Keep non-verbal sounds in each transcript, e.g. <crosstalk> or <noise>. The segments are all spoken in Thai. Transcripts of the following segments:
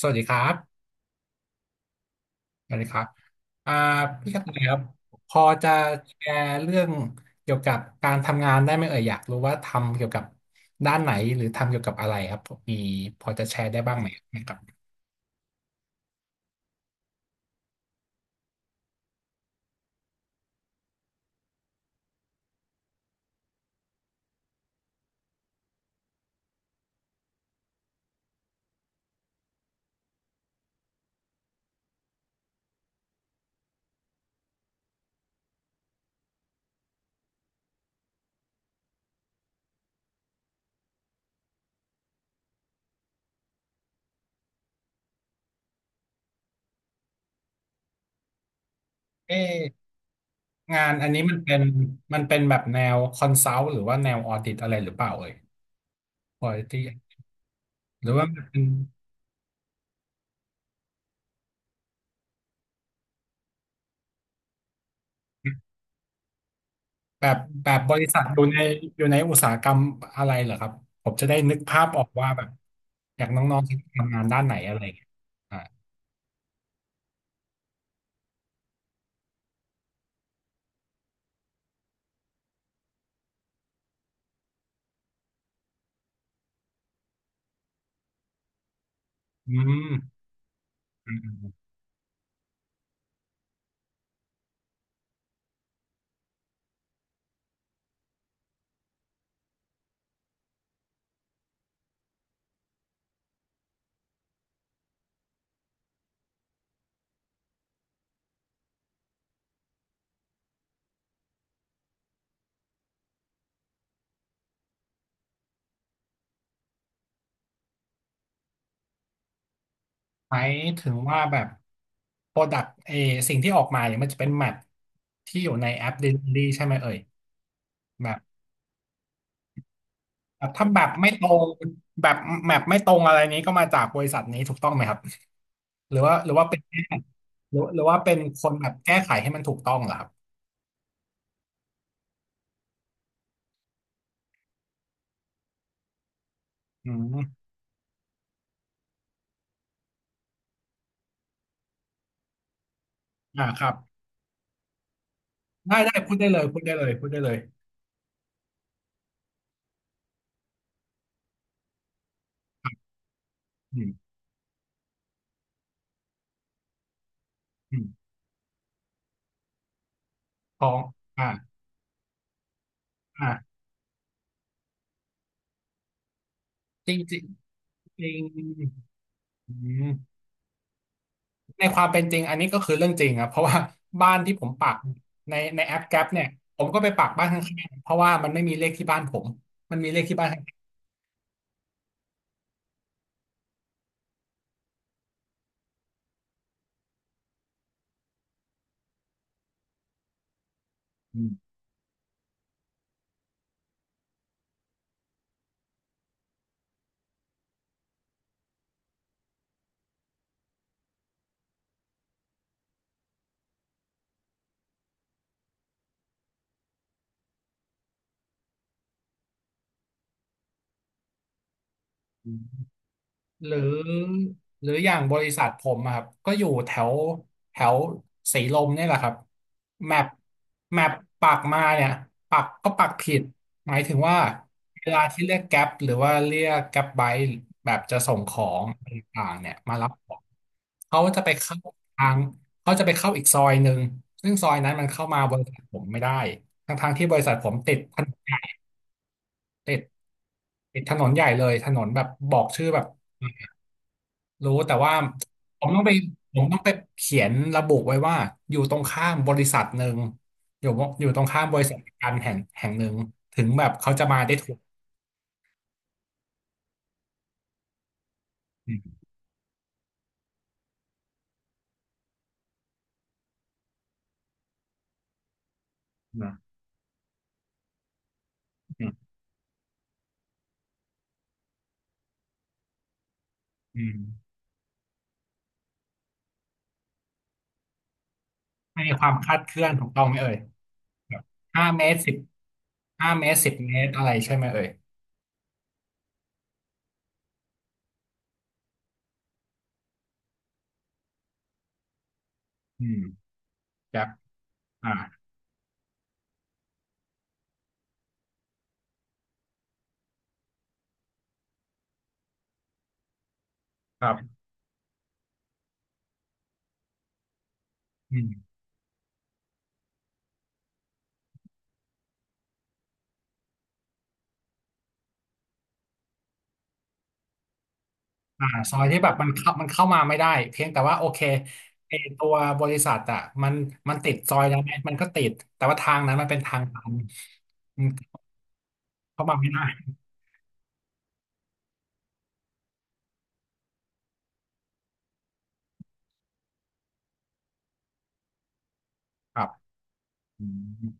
สวัสดีครับสวัสดีครับอ่าพี่กระต่ายครับพอจะแชร์เรื่องเกี่ยวกับการทำงานได้ไหมเอ่ยอยากรู้ว่าทำเกี่ยวกับด้านไหนหรือทำเกี่ยวกับอะไรครับมีพอจะแชร์ได้บ้างไหมครับเอ๊ะงานอันนี้มันเป็นแบบแนวคอนซัลท์หรือว่าแนวออดิตอะไรหรือเปล่าเอ่ยพอที่หรือว่ามันเป็นแบบแบบบริษัทอยู่ในอุตสาหกรรมอะไรเหรอครับผมจะได้นึกภาพออกว่าแบบอยากน้องๆที่ทำงานด้านไหนอะไรอย่างเงี้ย อืมอืมหมายถึงว่าแบบโปรดักต์สิ่งที่ออกมาเนี่ยมันจะเป็นแมทที่อยู่ในแอป Delivery ใช่ไหมเอ่ยแบบแบบถ้าแบบไม่ตรงแบบแมปไม่ตรงอะไรนี้ก็มาจากบริษัทนี้ถูกต้องไหมครับหรือว่าเป็นแค่หรือว่าเป็นคนแบบแก้ไขให้มันถูกต้องเหรอครับอืมอ่าครับได้พูดได้เลยพูดได้เลยพูดได้เลยอืมอืมของอ่าอ่าจริงจริงจริงอืม ในความเป็นจริงอันนี้ก็คือเรื่องจริงครับเพราะว่าบ้านที่ผมปักในแอปแก๊ปเนี่ยผมก็ไปปักบ้านข้างๆเพราะว่ามันไม่มีเลขที่บ้านผมมันมีเลขที่บ้านข้างๆ หรือหรืออย่างบริษัทผมอะครับก็อยู่แถวแถวศรีลมเนี่ยแหละครับแมปแมปปักมาเนี่ยปักก็ปักผิดหมายถึงว่าเวลาที่เรียกแก๊ปหรือว่าเรียกแก๊ปไบค์แบบจะส่งของอะไรต่างๆเนี่ยมารับของเขาจะไปเข้าทางเขาจะไปเข้าอีกซอยหนึ่งซึ่งซอยนั้นมันเข้ามาบริษัทผมไม่ได้ทั้งๆที่บริษัทผมติดถนนใหญ่ติดติดถนนใหญ่เลยถนนแบบบอกชื่อแบบ รู้แต่ว่าผมต้องไปผมต้องไปเขียนระบุไว้ว่าอยู่ตรงข้ามบริษัทหนึ่งอยู่อยู่ตรงข้ามบริษัทการแห่งหนึ่งถึงแบบเขาจะมาได้ถูกอืมนะอืมอืมไม่มีความคลาดเคลื่อนถูกต้องไหมเอ่ยแบบห้าเมตรสิบห้าเมตร10 เมตรอะไรใช่ไหมเอ่ยอืมแบบอ่าครับอืมอ่าซอยที่แบบมันเข้ามาไม่ได้เพียงแต่ว่าโอเคไอตัวบริษัทอ่ะมันมันติดซอยนั้นไหมมันก็ติดแต่ว่าทางนั้นมันเป็นทางตัน อืมเข้ามาไม่ได้ครับอืม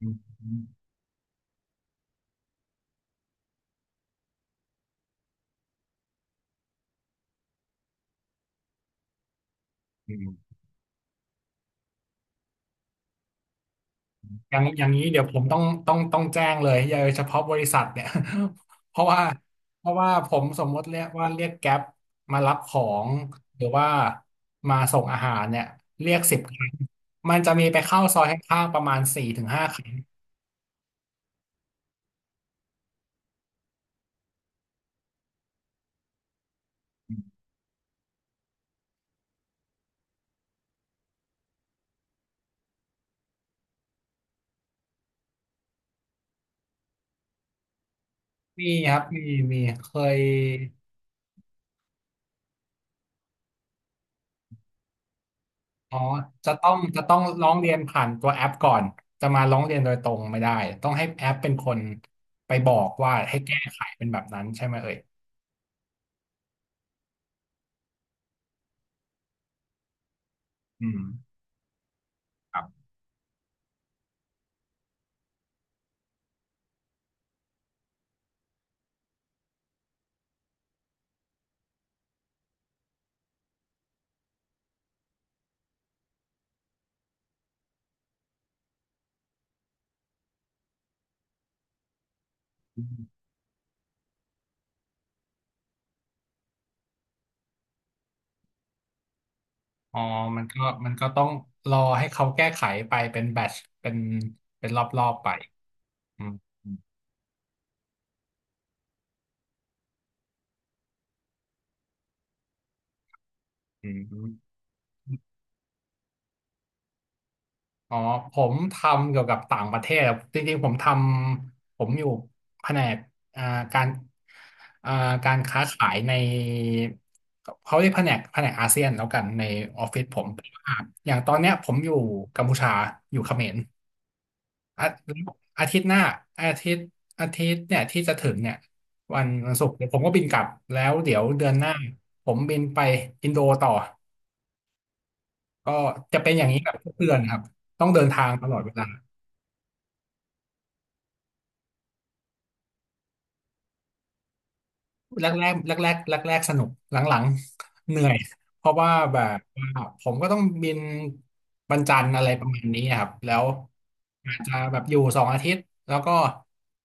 อืมอืมอย่างนี้เดี๋ยวผมต้องแจ้งเลยอย่าเฉพาะบริษัทเนี่ย <laughs> เพราะว่าเพราะว่าผมสมมติเรียกว่าเรียกแก๊ปมารับของหรือว่ามาส่งอาหารเนี่ยเรียก10 ครั้งมันจะมีไปเข้าซอยข้างๆประมาณ4-5 ครั้งมีครับมีเคย อ๋อจะต้องร้องเรียนผ่านตัวแอปก่อนจะมาร้องเรียนโดยตรงไม่ได้ต้องให้แอปเป็นคนไปบอกว่าให้แก้ไขเป็นแบบนั้นใช่ไหมเอ่ยอืมครับอืมอ๋อมันก็มันก็ต้องรอให้เขาแก้ไขไปเป็นแบทช์เป็นรอบๆไปอืมอืมอืม อ๋อผมทำเกี่ยวกับต่างประเทศครับจริงๆผมอยู่แผนกอ่าการอ่าการค้าขายในเขาเรียกแผนกแผนกอาเซียนแล้วกันในออฟฟิศผมแต่ว่าอย่างตอนเนี้ยผมอยู่กัมพูชาอยู่เขมรอาอาทิตย์หน้าอาทิตย์อาทิตย์เนี่ยที่จะถึงเนี่ยวันศุกร์เดี๋ยวผมก็บินกลับแล้วเดี๋ยวเดือนหน้าผมบินไปอินโดต่อก็จะเป็นอย่างนี้แบบทุกเดือนครับต้องเดินทางตลอดเวลา แรกๆสนุกหลังๆเหนื่อยเพราะว่าแบบว่าผมก็ต้องบินวันจันทร์อะไรประมาณนี้ครับแล้วอาจจะแบบอยู่2 อาทิตย์แล้วก็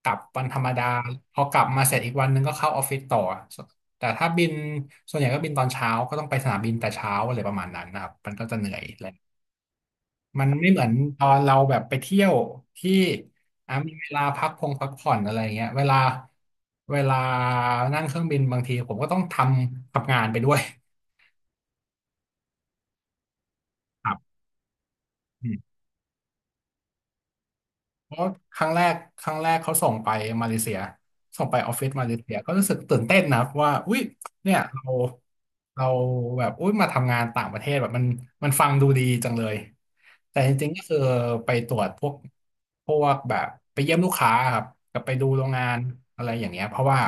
กลับวันธรรมดาพอกลับมาเสร็จอีกวันหนึงก็เข้าออฟฟิศต่อแต่ถ้าบินส่วนใหญ่ก็บินตอนเช้าก็ต้องไปสนามบินแต่เช้าอะไรประมาณนั้นนะครับมันก็จะเหนื่อย มันไม่เหมือนตอนเราแบบไปเที่ยวที่อ่ะมีเวลาพักผ่อนอะไรเงี้ยเวลานั่งเครื่องบินบางทีผมก็ต้องทำงานไปด้วยครับ เพราะครั้งแรกครั้งแรกเขาส่งไปมาเลเซียส่งไปออฟฟิศมาเลเซียก็รู้สึกตื่นเต้นนะว่าอุ้ยเนี่ยเราเราแบบอุ้ยมาทำงานต่างประเทศแบบมันฟังดูดีจังเลยแต่จริงๆก็คือไปตรวจพวกแบบไปเยี่ยมลูกค้าครับกับไปดูโรงงานอะไรอย่างเงี้ยเพราะว่า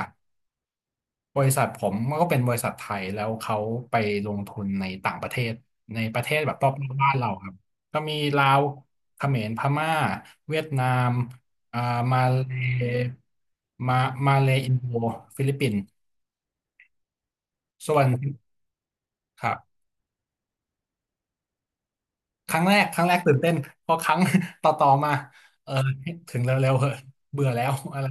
บริษัทผมมันก็เป็นบริษัทไทยแล้วเขาไปลงทุนในต่างประเทศในประเทศแบบรอบๆบ้านเราครับก็มีลาวเขมรพม่าเวียดนามอ่ามาเลมามาเลอินโดฟิลิปปินส์ส่วนครับครั้งแรกครั้งแรกตื่นเต้นพอครั้ง <laughs> ต่อมาเออถึงเร็วๆเหอะเบื่อแล้วอะไร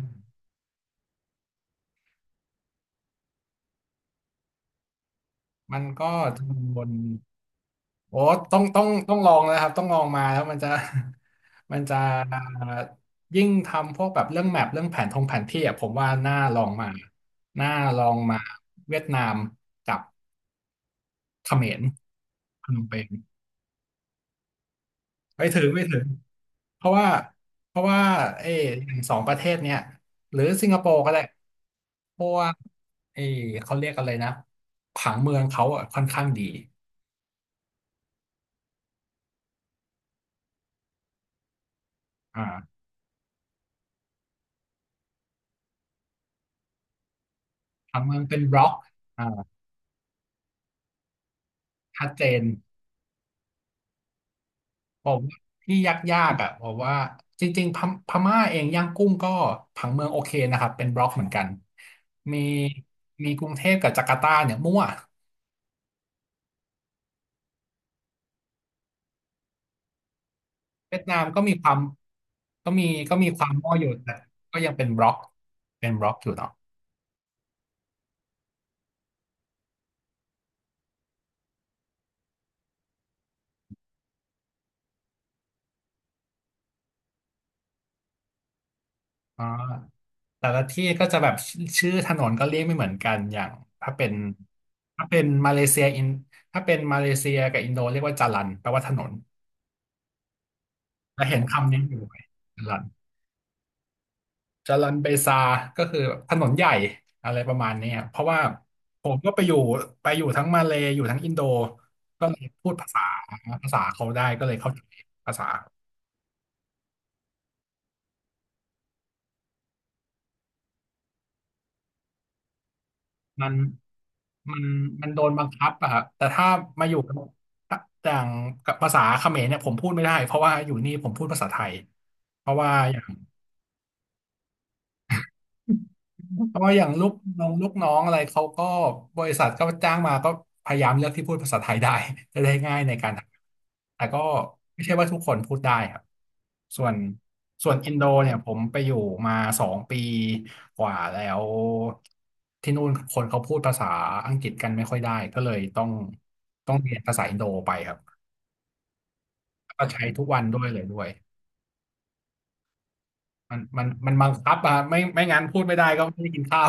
มันก็จะวน โอ้ต้องลองนะครับต้องลองมาแล้วมันจะ <laughs> มันจะยิ่งทำพวกแบบเรื่องแมปเรื่องแผนทงแผนที่อ่ะผมว่าน่าลองมาน่าลองมาเวียดนามกับเขมรพนมเปญไม่ถึงไม่ถึงเพราะว่าเพราะว่าเอออย่างสองประเทศเนี่ยหรือสิงคโปร์ก็ได้เพราะว่าเออเขาเรียกอะไรนะผังเมืองเขาอ่ะค่อนข้างดีอ่าผังเมืองเป็นบล็อกอ่าชัดเจน ผมว่าที่ยากๆอ่ะผมว่าจริงๆพม่าเองย่างกุ้งก็ผังเมืองโอเคนะครับเป็นบล็อกเหมือนกันมีมีกรุงเทพกับจาการ์ตาเนี่ยมั่วเวียดนามก็มีความก็มีก็มีความมั่วอยู่แต่ก็ยังเป็นบล็อกเป็นบล็อกอยู่เนาะอ่าแต่ละที่ก็จะแบบชื่อถนนก็เรียกไม่เหมือนกันอย่างถ้าเป็นถ้าเป็นมาเลเซียอินถ้าเป็นมาเลเซียกับอินโดเรียกว่าจารันแปลว่าถนนแล้วเห็นคำนี้อยู่ไหมจารัน จารันเบซาก็คือแบบถนนใหญ่อะไรประมาณเนี้ยเพราะว่าผมก็ไปอยู่ทั้งมาเลย์อยู่ทั้งอินโดก็เลยพูดภาษาเขาได้ก็เลยเข้าใจภาษามันมันมันโดนบังคับอะครับ แต่ถ้ามาอยู่กับอย่างกับภาษาเขมรเนี่ยผมพูดไม่ได้เพราะว่าอยู่นี่ผมพูดภาษาไทยเพราะว่าอย่าง <laughs> ก็อย่างลูกน้องอะไรเขาก็บริษัทก็จ้างมาก็พยายามเลือกที่พูดภาษาไทยได้ <laughs> จะได้ง่ายในการทำแต่ก็ไม่ใช่ว่าทุกคนพูดได้ครับส่วนส่วนอินโดเนี่ยผมไปอยู่มาสองปีกว่าแล้วที่นู่นคนเขาพูดภาษาอังกฤษกันไม่ค่อยได้ก็เลยต้องเรียนภาษาอินโดไปครับก็ใช้ทุกวันด้วยเลยด้วยมันบังคับอะไม่งั้นพูดไม่ได้ก็ไม่ได้กินข้าว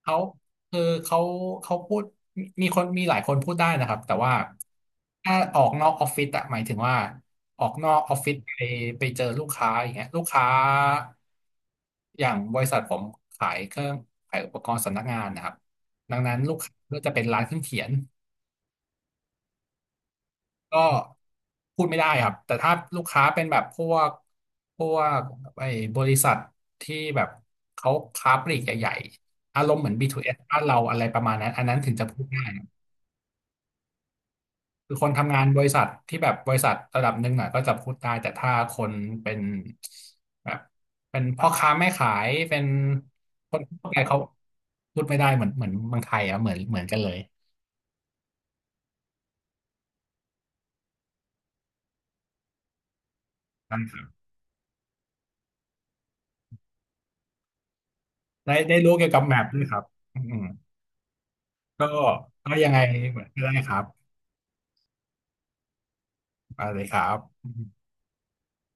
เขาคือเขาพูดมีมีคนมีหลายคนพูดได้นะครับแต่ว่าถ้าออกนอกออฟฟิศอะหมายถึงว่าออกนอกออฟฟิศไปไปเจอลูกค้าอย่างเงี้ยลูกค้าอย่างบริษัทผมขายเครื่องขายอุปกรณ์สำนักงานนะครับดังนั้นลูกค้าก็จะเป็นร้านเครื่องเขียน ก็พูดไม่ได้ครับแต่ถ้าลูกค้าเป็นแบบพวกไอ้บริษัทที่แบบเขาค้าปลีกใหญ่ๆอารมณ์เหมือน B2S บ้านเราอะไรประมาณนั้นอันนั้นถึงจะพูดได้ครับคือคนทำงานบริษัทที่แบบบริษัทระดับหนึ่งอ่ะก็จะพูดได้แต่ถ้าคนเป็นแบบเป็นพ่อค้าแม่ขายเป็นคนทั่วไปเขาพูดไม่ได้เหมือนเมืองไทยอ่ะเหมือนกันเลยนะครับได้ได้รู้เกี่ยวกับแมปด้วยครับอืม ก็ก็ยังไงเหมือนก็ได้ครับมาเลยครับ